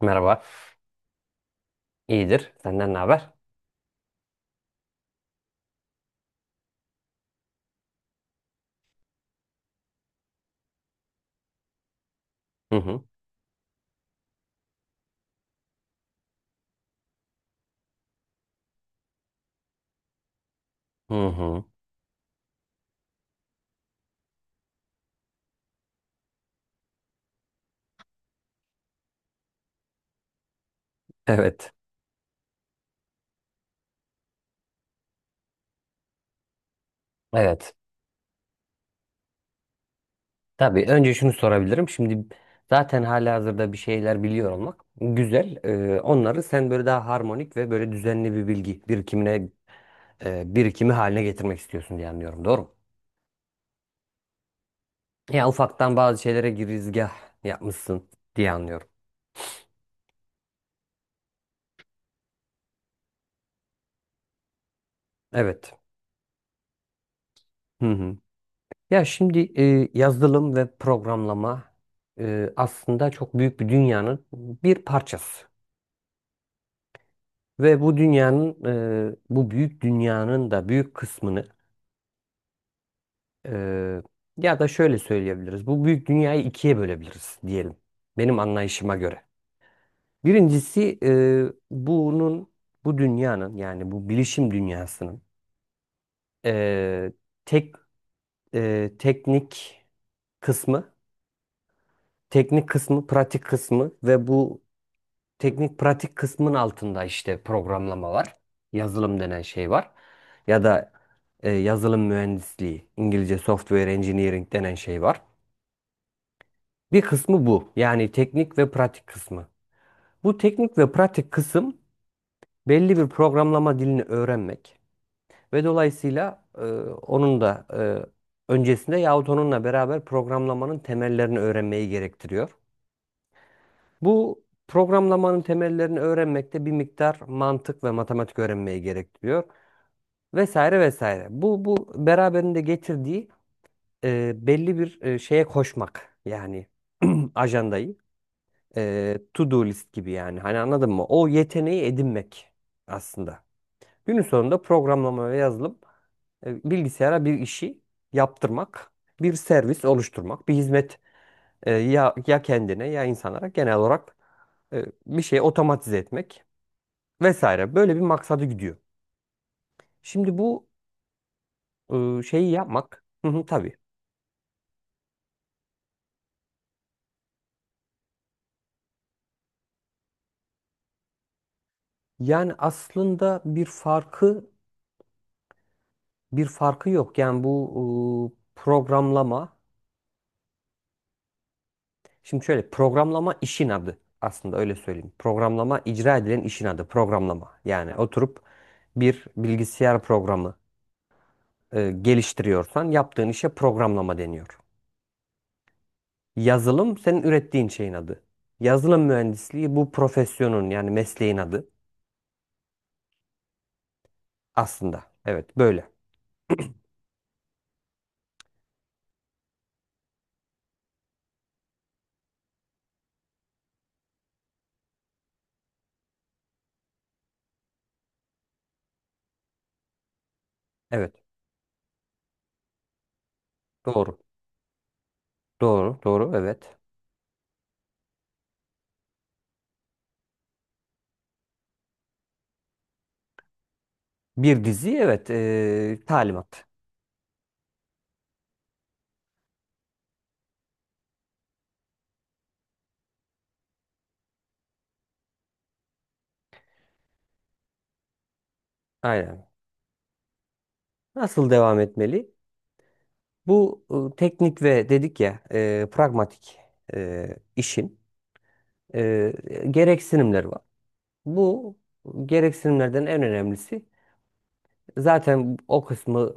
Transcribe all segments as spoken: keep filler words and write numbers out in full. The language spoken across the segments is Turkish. Merhaba. İyidir. Senden ne haber? Hı hı. Hı hı. Evet. Evet. Tabii önce şunu sorabilirim. Şimdi zaten halihazırda bir şeyler biliyor olmak güzel. Ee, onları sen böyle daha harmonik ve böyle düzenli bir bilgi birikimine e, birikimi haline getirmek istiyorsun diye anlıyorum. Doğru mu? Ya ufaktan bazı şeylere girizgah yapmışsın diye anlıyorum. Evet. Hı hı. Ya şimdi e, yazılım ve programlama e, aslında çok büyük bir dünyanın bir parçası. Ve bu dünyanın, e, bu büyük dünyanın da büyük kısmını e, ya da şöyle söyleyebiliriz. Bu büyük dünyayı ikiye bölebiliriz diyelim. Benim anlayışıma göre. Birincisi e, bunun, bu dünyanın yani bu bilişim dünyasının e, tek e, teknik kısmı, teknik kısmı, pratik kısmı ve bu teknik pratik kısmın altında işte programlama var. Yazılım denen şey var. Ya da e, yazılım mühendisliği, İngilizce software engineering denen şey var. Bir kısmı bu. Yani teknik ve pratik kısmı. Bu teknik ve pratik kısım belli bir programlama dilini öğrenmek ve dolayısıyla e, onun da e, öncesinde yahut onunla beraber programlamanın temellerini öğrenmeyi gerektiriyor. Bu programlamanın temellerini öğrenmekte bir miktar mantık ve matematik öğrenmeyi gerektiriyor vesaire vesaire. Bu bu beraberinde getirdiği e, belli bir e, şeye koşmak yani ajandayı e, to-do list gibi yani hani anladın mı? O yeteneği edinmek aslında. Günün sonunda programlama ve yazılım e, bilgisayara bir işi yaptırmak, bir servis oluşturmak, bir hizmet e, ya ya kendine ya insanlara genel olarak e, bir şeyi otomatize etmek. Vesaire böyle bir maksadı gidiyor. Şimdi bu e, şeyi yapmak. Hı hı, tabii. Yani aslında bir farkı bir farkı yok. Yani bu e, programlama şimdi şöyle, programlama işin adı aslında, öyle söyleyeyim. Programlama icra edilen işin adı programlama. Yani oturup bir bilgisayar programı e, geliştiriyorsan yaptığın işe programlama deniyor. Yazılım senin ürettiğin şeyin adı. Yazılım mühendisliği bu profesyonun yani mesleğin adı aslında. Evet böyle. Evet. Doğru. Doğru. Doğru. Evet. Bir dizi evet. Eee, talimat. Aynen. Nasıl devam etmeli? Bu e, teknik ve dedik ya e, pragmatik e, işin e, gereksinimleri var. Bu gereksinimlerden en önemlisi, zaten o kısmı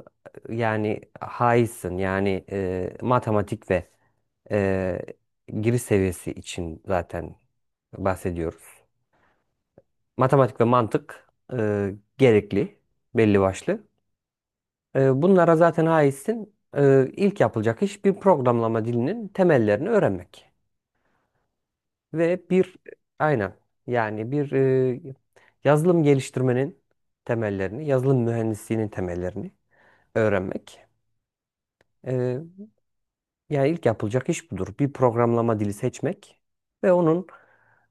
e, yani haizsin. Yani e, matematik ve e, giriş seviyesi için zaten bahsediyoruz. Matematik ve mantık e, gerekli belli başlı. E, bunlara zaten haizsin. E, ilk yapılacak iş bir programlama dilinin temellerini öğrenmek. Ve bir aynen yani bir e, yazılım geliştirmenin temellerini, yazılım mühendisliğinin temellerini öğrenmek. E, Yani ilk yapılacak iş budur. Bir programlama dili seçmek ve onun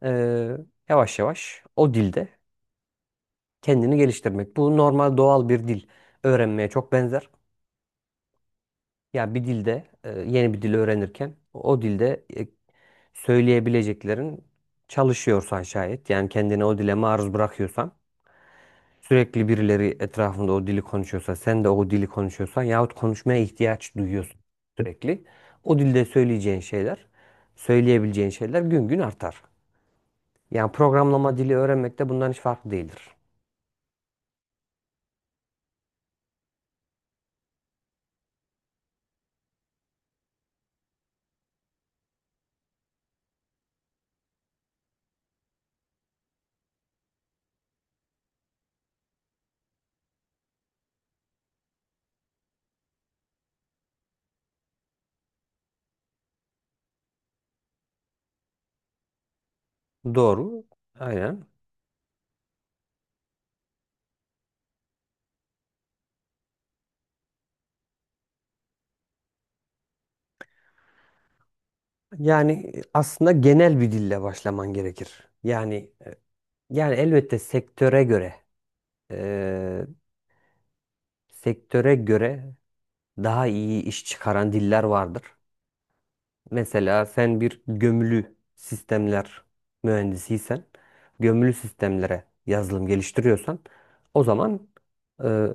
e, yavaş yavaş o dilde kendini geliştirmek. Bu normal doğal bir dil öğrenmeye çok benzer. Ya bir dilde e, yeni bir dil öğrenirken o dilde e, söyleyebileceklerin çalışıyorsan şayet, yani kendini o dile maruz bırakıyorsan, sürekli birileri etrafında o dili konuşuyorsa, sen de o dili konuşuyorsan yahut konuşmaya ihtiyaç duyuyorsun sürekli. O dilde söyleyeceğin şeyler, söyleyebileceğin şeyler gün gün artar. Yani programlama dili öğrenmek de bundan hiç farklı değildir. Doğru. Aynen. Yani aslında genel bir dille başlaman gerekir. Yani yani elbette sektöre göre, eee, sektöre göre daha iyi iş çıkaran diller vardır. Mesela sen bir gömülü sistemler mühendisiysen, gömülü sistemlere yazılım geliştiriyorsan, o zaman e,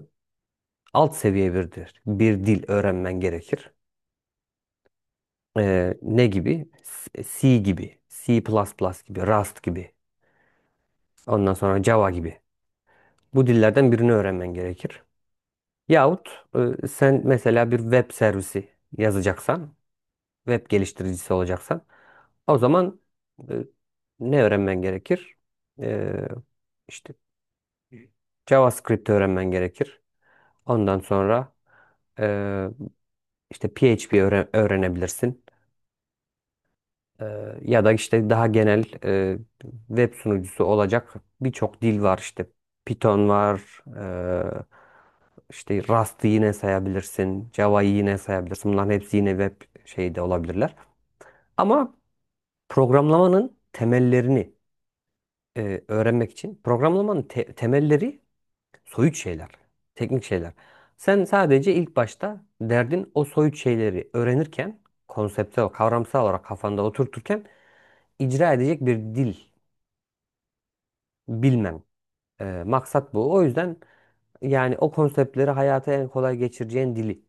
alt seviye bir dil, bir dil öğrenmen gerekir. E, ne gibi? S- C gibi, C++ gibi, Rust gibi, ondan sonra Java gibi. Bu dillerden birini öğrenmen gerekir. Yahut e, sen mesela bir web servisi yazacaksan, web geliştiricisi olacaksan o zaman e, ne öğrenmen gerekir? E, işte JavaScript öğrenmen gerekir. Ondan sonra e, işte P H P öğre- öğrenebilirsin. E, Ya da işte daha genel, e, web sunucusu olacak birçok dil var işte. Python var, e, işte Rust'ı yine sayabilirsin, Java'yı yine sayabilirsin. Bunların hepsi yine web şeyde olabilirler. Ama programlamanın temellerini e, öğrenmek için, programlamanın te- temelleri soyut şeyler, teknik şeyler. Sen sadece ilk başta derdin o soyut şeyleri öğrenirken, konsepte, kavramsal olarak kafanda oturturken icra edecek bir dil bilmen. E, maksat bu. O yüzden yani o konseptleri hayata en kolay geçireceğin dili,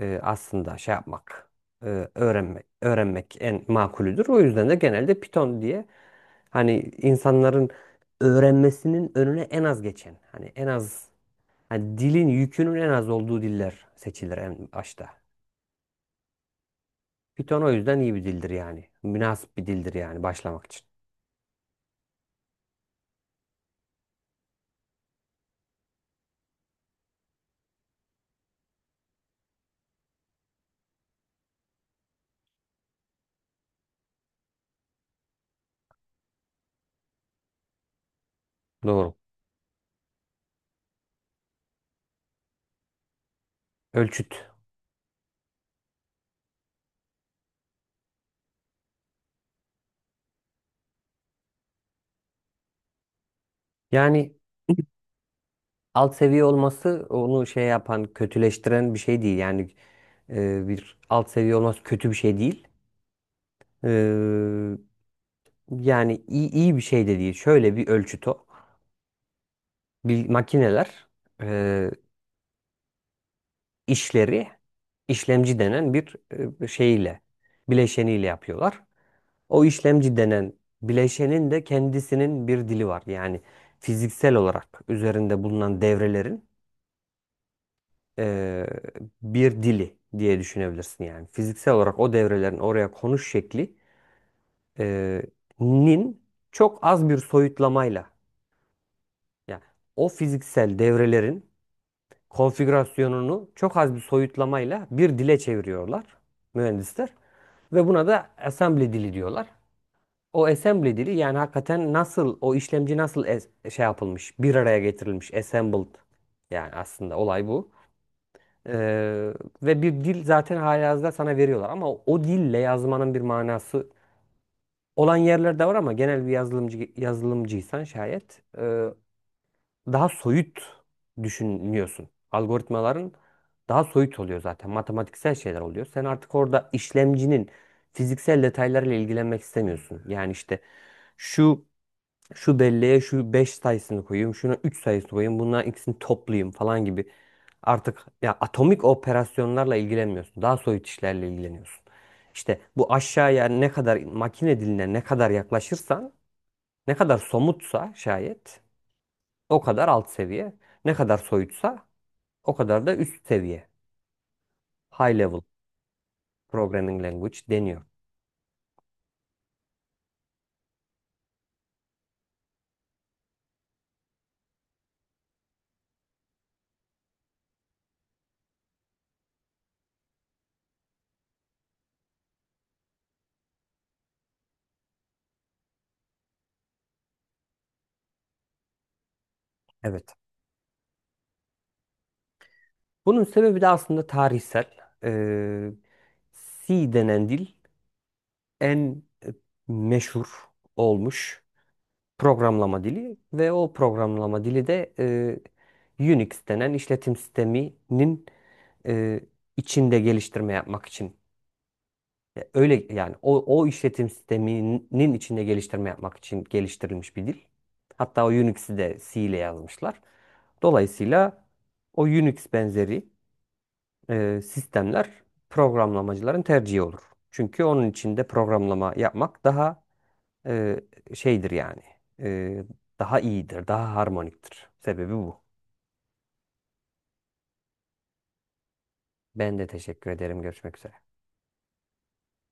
e, aslında şey yapmak, e, öğrenmek, öğrenmek en makulüdür. O yüzden de genelde Python diye, hani insanların öğrenmesinin önüne en az geçen, hani en az, hani dilin yükünün en az olduğu diller seçilir en başta. Python o yüzden iyi bir dildir yani. Münasip bir dildir yani başlamak için. Doğru. Ölçüt. Yani alt seviye olması onu şey yapan, kötüleştiren bir şey değil. Yani e, bir alt seviye olması kötü bir şey değil. E, Yani iyi, iyi bir şey de değil. Şöyle bir ölçüt o. Bil- makineler e, işleri işlemci denen bir e, şeyle, bileşeniyle yapıyorlar. O işlemci denen bileşenin de kendisinin bir dili var. Yani fiziksel olarak üzerinde bulunan devrelerin e, bir dili diye düşünebilirsin. Yani fiziksel olarak o devrelerin oraya konuş şekli e, nin çok az bir soyutlamayla, yani o fiziksel devrelerin konfigürasyonunu çok az bir soyutlamayla bir dile çeviriyorlar mühendisler ve buna da assembly dili diyorlar. O assembly dili, yani hakikaten nasıl o işlemci nasıl es- şey yapılmış, bir araya getirilmiş, assembled, yani aslında olay bu. Ee, Ve bir dil zaten halihazırda sana veriyorlar, ama o o dille yazmanın bir manası olan yerler de var, ama genel bir yazılımcı yazılımcıysan şayet, e, daha soyut düşünüyorsun. Algoritmaların daha soyut oluyor zaten. Matematiksel şeyler oluyor. Sen artık orada işlemcinin fiziksel detaylarıyla ilgilenmek istemiyorsun. Yani işte şu şu belleğe şu beş sayısını koyayım, şuna üç sayısını koyayım, bunların ikisini toplayayım falan gibi. Artık ya atomik operasyonlarla ilgilenmiyorsun. Daha soyut işlerle ilgileniyorsun. İşte bu, aşağıya ne kadar makine diline ne kadar yaklaşırsan, ne kadar somutsa şayet o kadar alt seviye. Ne kadar soyutsa o kadar da üst seviye. High level programming language deniyor. Evet. Bunun sebebi de aslında tarihsel. Ee, C denen dil en e, meşhur olmuş programlama dili, ve o programlama dili de e, Unix denen işletim sisteminin e, içinde geliştirme yapmak için. E, Öyle yani, o, o işletim sisteminin içinde geliştirme yapmak için geliştirilmiş bir dil. Hatta o Unix'i de C ile yazmışlar. Dolayısıyla o Unix benzeri e, sistemler programlamacıların tercihi olur. Çünkü onun içinde programlama yapmak daha e, şeydir yani. E, Daha iyidir, daha harmoniktir. Sebebi bu. Ben de teşekkür ederim. Görüşmek üzere.